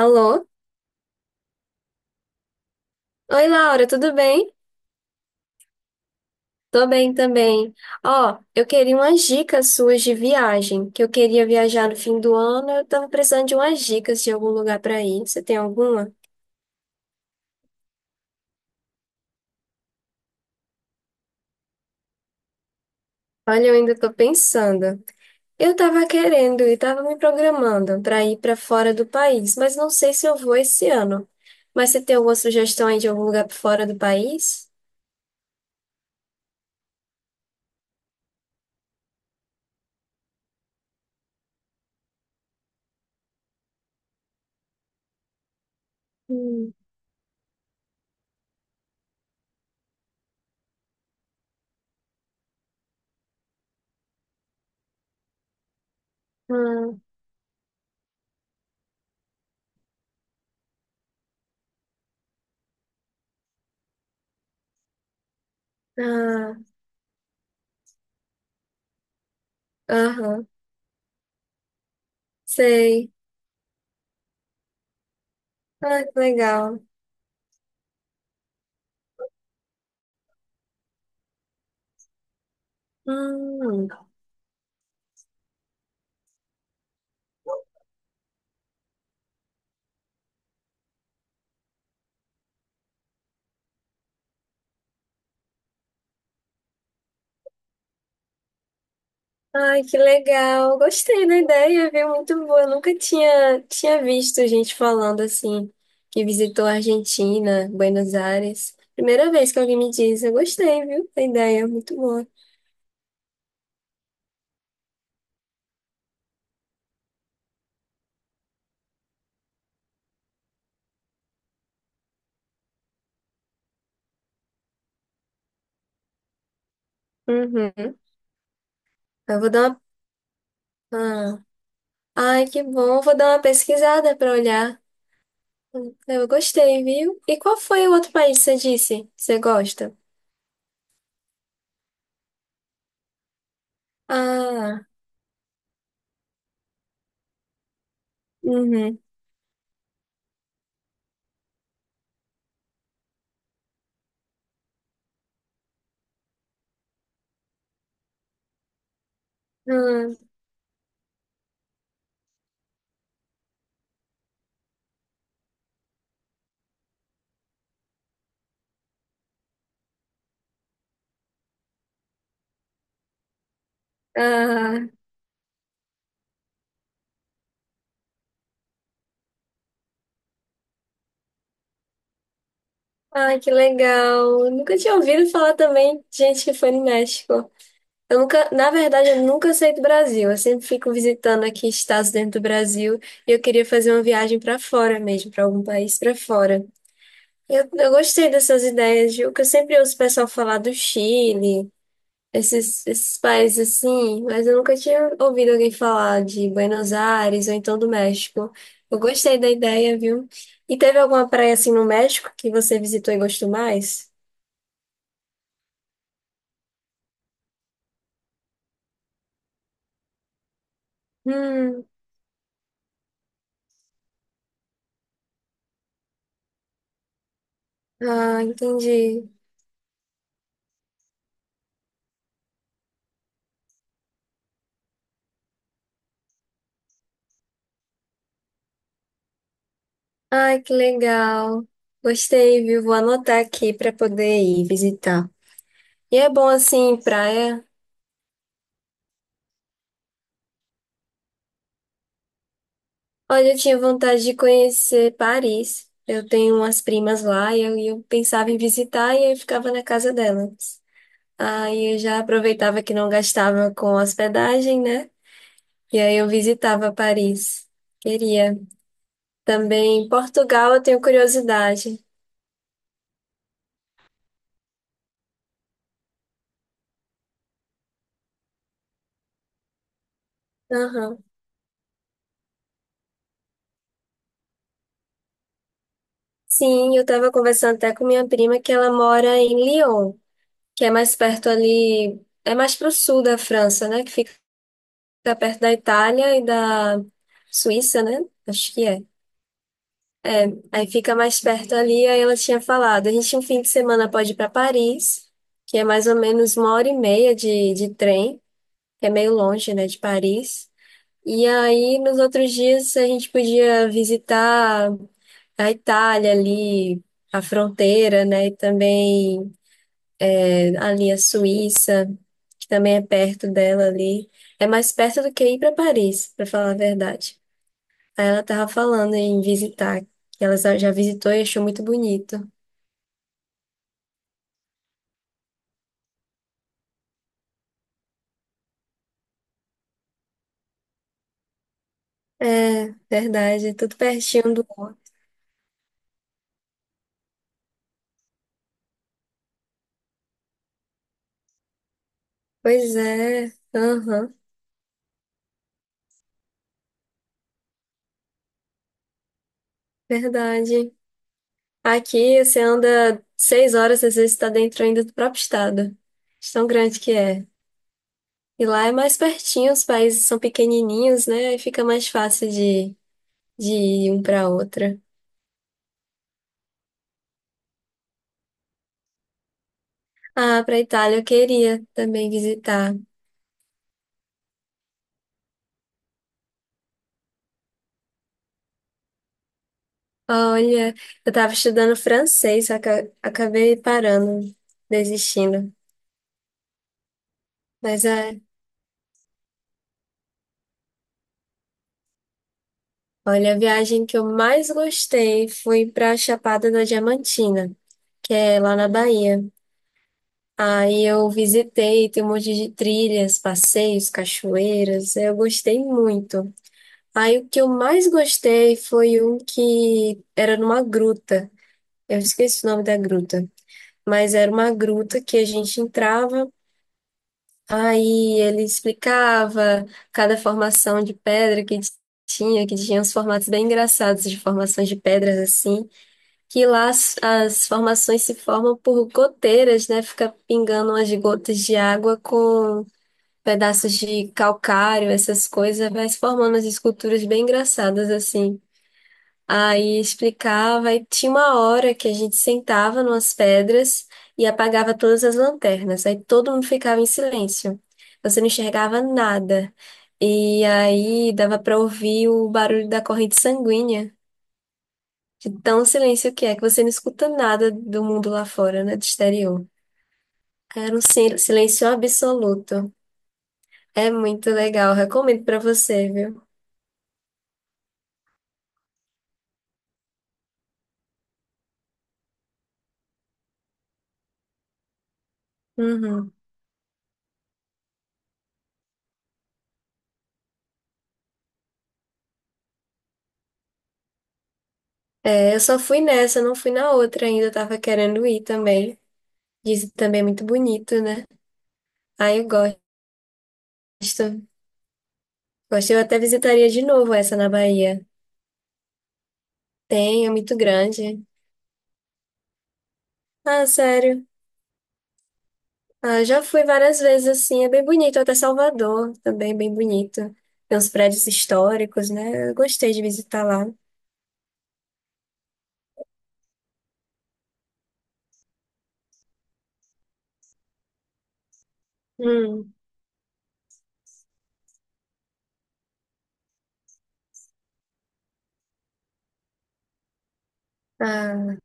Alô? Oi, Laura, tudo bem? Tô bem também. Ó, eu queria umas dicas suas de viagem, que eu queria viajar no fim do ano, eu tava precisando de umas dicas de algum lugar pra ir. Você tem alguma? Olha, eu ainda tô pensando. Eu tava querendo e tava me programando pra ir pra fora do país, mas não sei se eu vou esse ano. Mas você tem alguma sugestão aí de algum lugar pra fora do país? Hum. Ah, ah, aham, sei. Ah, que legal. Hum. Ai, que legal. Gostei da ideia, viu? Muito boa. Eu nunca tinha visto gente falando assim, que visitou a Argentina, Buenos Aires. Primeira vez que alguém me diz, eu gostei, viu? Da ideia, muito boa. Uhum. Eu vou dar uma. Ah. Ai, que bom. Eu vou dar uma pesquisada para olhar. Eu gostei, viu? E qual foi o outro país que você disse? Que você gosta? Ah, uhum. Ah, ah. Ai, que legal. Eu nunca tinha ouvido falar também de gente que foi no México. Eu nunca, na verdade, eu nunca saí do Brasil. Eu sempre fico visitando aqui estados dentro do Brasil e eu queria fazer uma viagem para fora mesmo, para algum país para fora. Eu gostei dessas ideias, viu? Que eu sempre ouço o pessoal falar do Chile, esses países assim, mas eu nunca tinha ouvido alguém falar de Buenos Aires ou então do México. Eu gostei da ideia, viu? E teve alguma praia assim no México que você visitou e gostou mais? Hum, ah, entendi. Ai, que legal. Gostei, viu? Vou anotar aqui para poder ir visitar. E é bom assim, praia. Olha, eu tinha vontade de conhecer Paris. Eu tenho umas primas lá e eu pensava em visitar e eu ficava na casa delas. Aí eu já aproveitava que não gastava com hospedagem, né? E aí eu visitava Paris. Queria. Também em Portugal eu tenho curiosidade. Aham. Sim, eu estava conversando até com minha prima que ela mora em Lyon, que é mais perto ali, é mais para o sul da França, né? Que fica perto da Itália e da Suíça, né? Acho que é. Aí fica mais perto ali, aí ela tinha falado, a gente um fim de semana pode ir para Paris, que é mais ou menos uma hora e meia de trem, que é meio longe, né, de Paris. E aí, nos outros dias, a gente podia visitar a Itália ali, a fronteira, né? E também ali a Suíça, que também é perto dela ali. É mais perto do que ir para Paris, para falar a verdade. Aí ela tava falando em visitar, que ela já já visitou e achou muito bonito. É, verdade, tudo pertinho do outro. Pois é, aham, verdade. Aqui você anda 6 horas, às vezes está dentro ainda do próprio estado. De tão grande que é. E lá é mais pertinho, os países são pequenininhos, né? E fica mais fácil de ir um para outro. Ah, pra Itália eu queria também visitar. Olha, eu tava estudando francês, só que eu acabei parando, desistindo. Mas é, olha, a viagem que eu mais gostei foi pra Chapada da Diamantina, que é lá na Bahia. Aí eu visitei, tem um monte de trilhas, passeios, cachoeiras, eu gostei muito. Aí o que eu mais gostei foi um que era numa gruta. Eu esqueci o nome da gruta. Mas era uma gruta que a gente entrava, aí ele explicava cada formação de pedra que tinha uns formatos bem engraçados de formações de pedras assim, que lá as formações se formam por goteiras, né? Fica pingando umas gotas de água com pedaços de calcário, essas coisas, vai se formando as esculturas bem engraçadas assim. Aí explicava, e tinha uma hora que a gente sentava numas pedras e apagava todas as lanternas. Aí todo mundo ficava em silêncio. Você não enxergava nada. E aí dava para ouvir o barulho da corrente sanguínea, de tão silêncio que é, que você não escuta nada do mundo lá fora, né, do exterior. Era um silêncio absoluto. É muito legal, recomendo para você, viu? Uhum. É, eu só fui nessa, não fui na outra ainda, eu tava querendo ir também. Dizem que também é muito bonito, né? Ah, eu gosto. Gosto, eu até visitaria de novo essa na Bahia. Tem, é muito grande. Ah, sério. Ah, já fui várias vezes assim, é bem bonito. Até Salvador também, é bem bonito. Tem uns prédios históricos, né? Eu gostei de visitar lá. Hum, ah,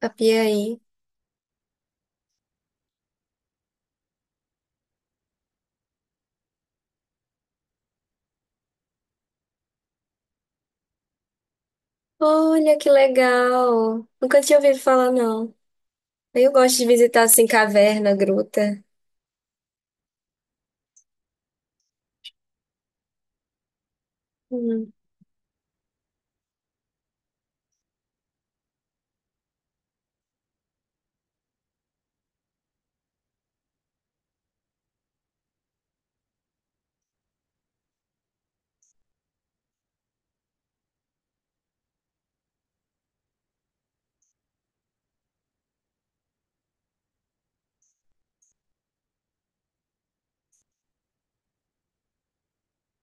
a Piaí. Olha que legal! Nunca tinha ouvido falar, não. Eu gosto de visitar assim caverna, gruta. Hum.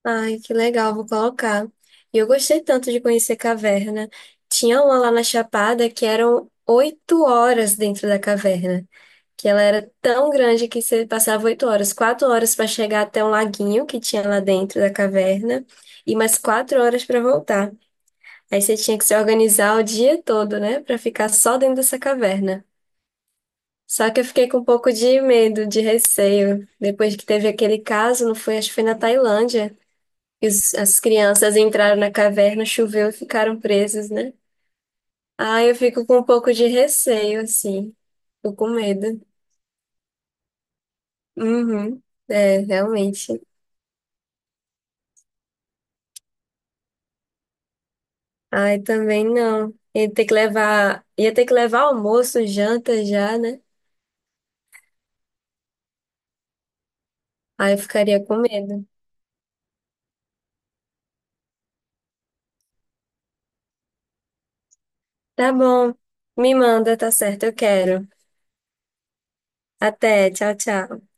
Ai, que legal, vou colocar. E eu gostei tanto de conhecer caverna. Tinha uma lá na Chapada que eram 8 horas dentro da caverna, que ela era tão grande que você passava 8 horas, 4 horas para chegar até um laguinho que tinha lá dentro da caverna e mais 4 horas para voltar. Aí você tinha que se organizar o dia todo, né, para ficar só dentro dessa caverna. Só que eu fiquei com um pouco de medo, de receio, depois que teve aquele caso, não foi, acho que foi na Tailândia. E as crianças entraram na caverna, choveu e ficaram presas, né? Ah, eu fico com um pouco de receio, assim. Tô com medo. Uhum. É, realmente. Ai, também não. Ia ter que levar almoço, janta já, né? Aí eu ficaria com medo. Tá bom. Me manda, tá certo, eu quero. Até, tchau, tchau.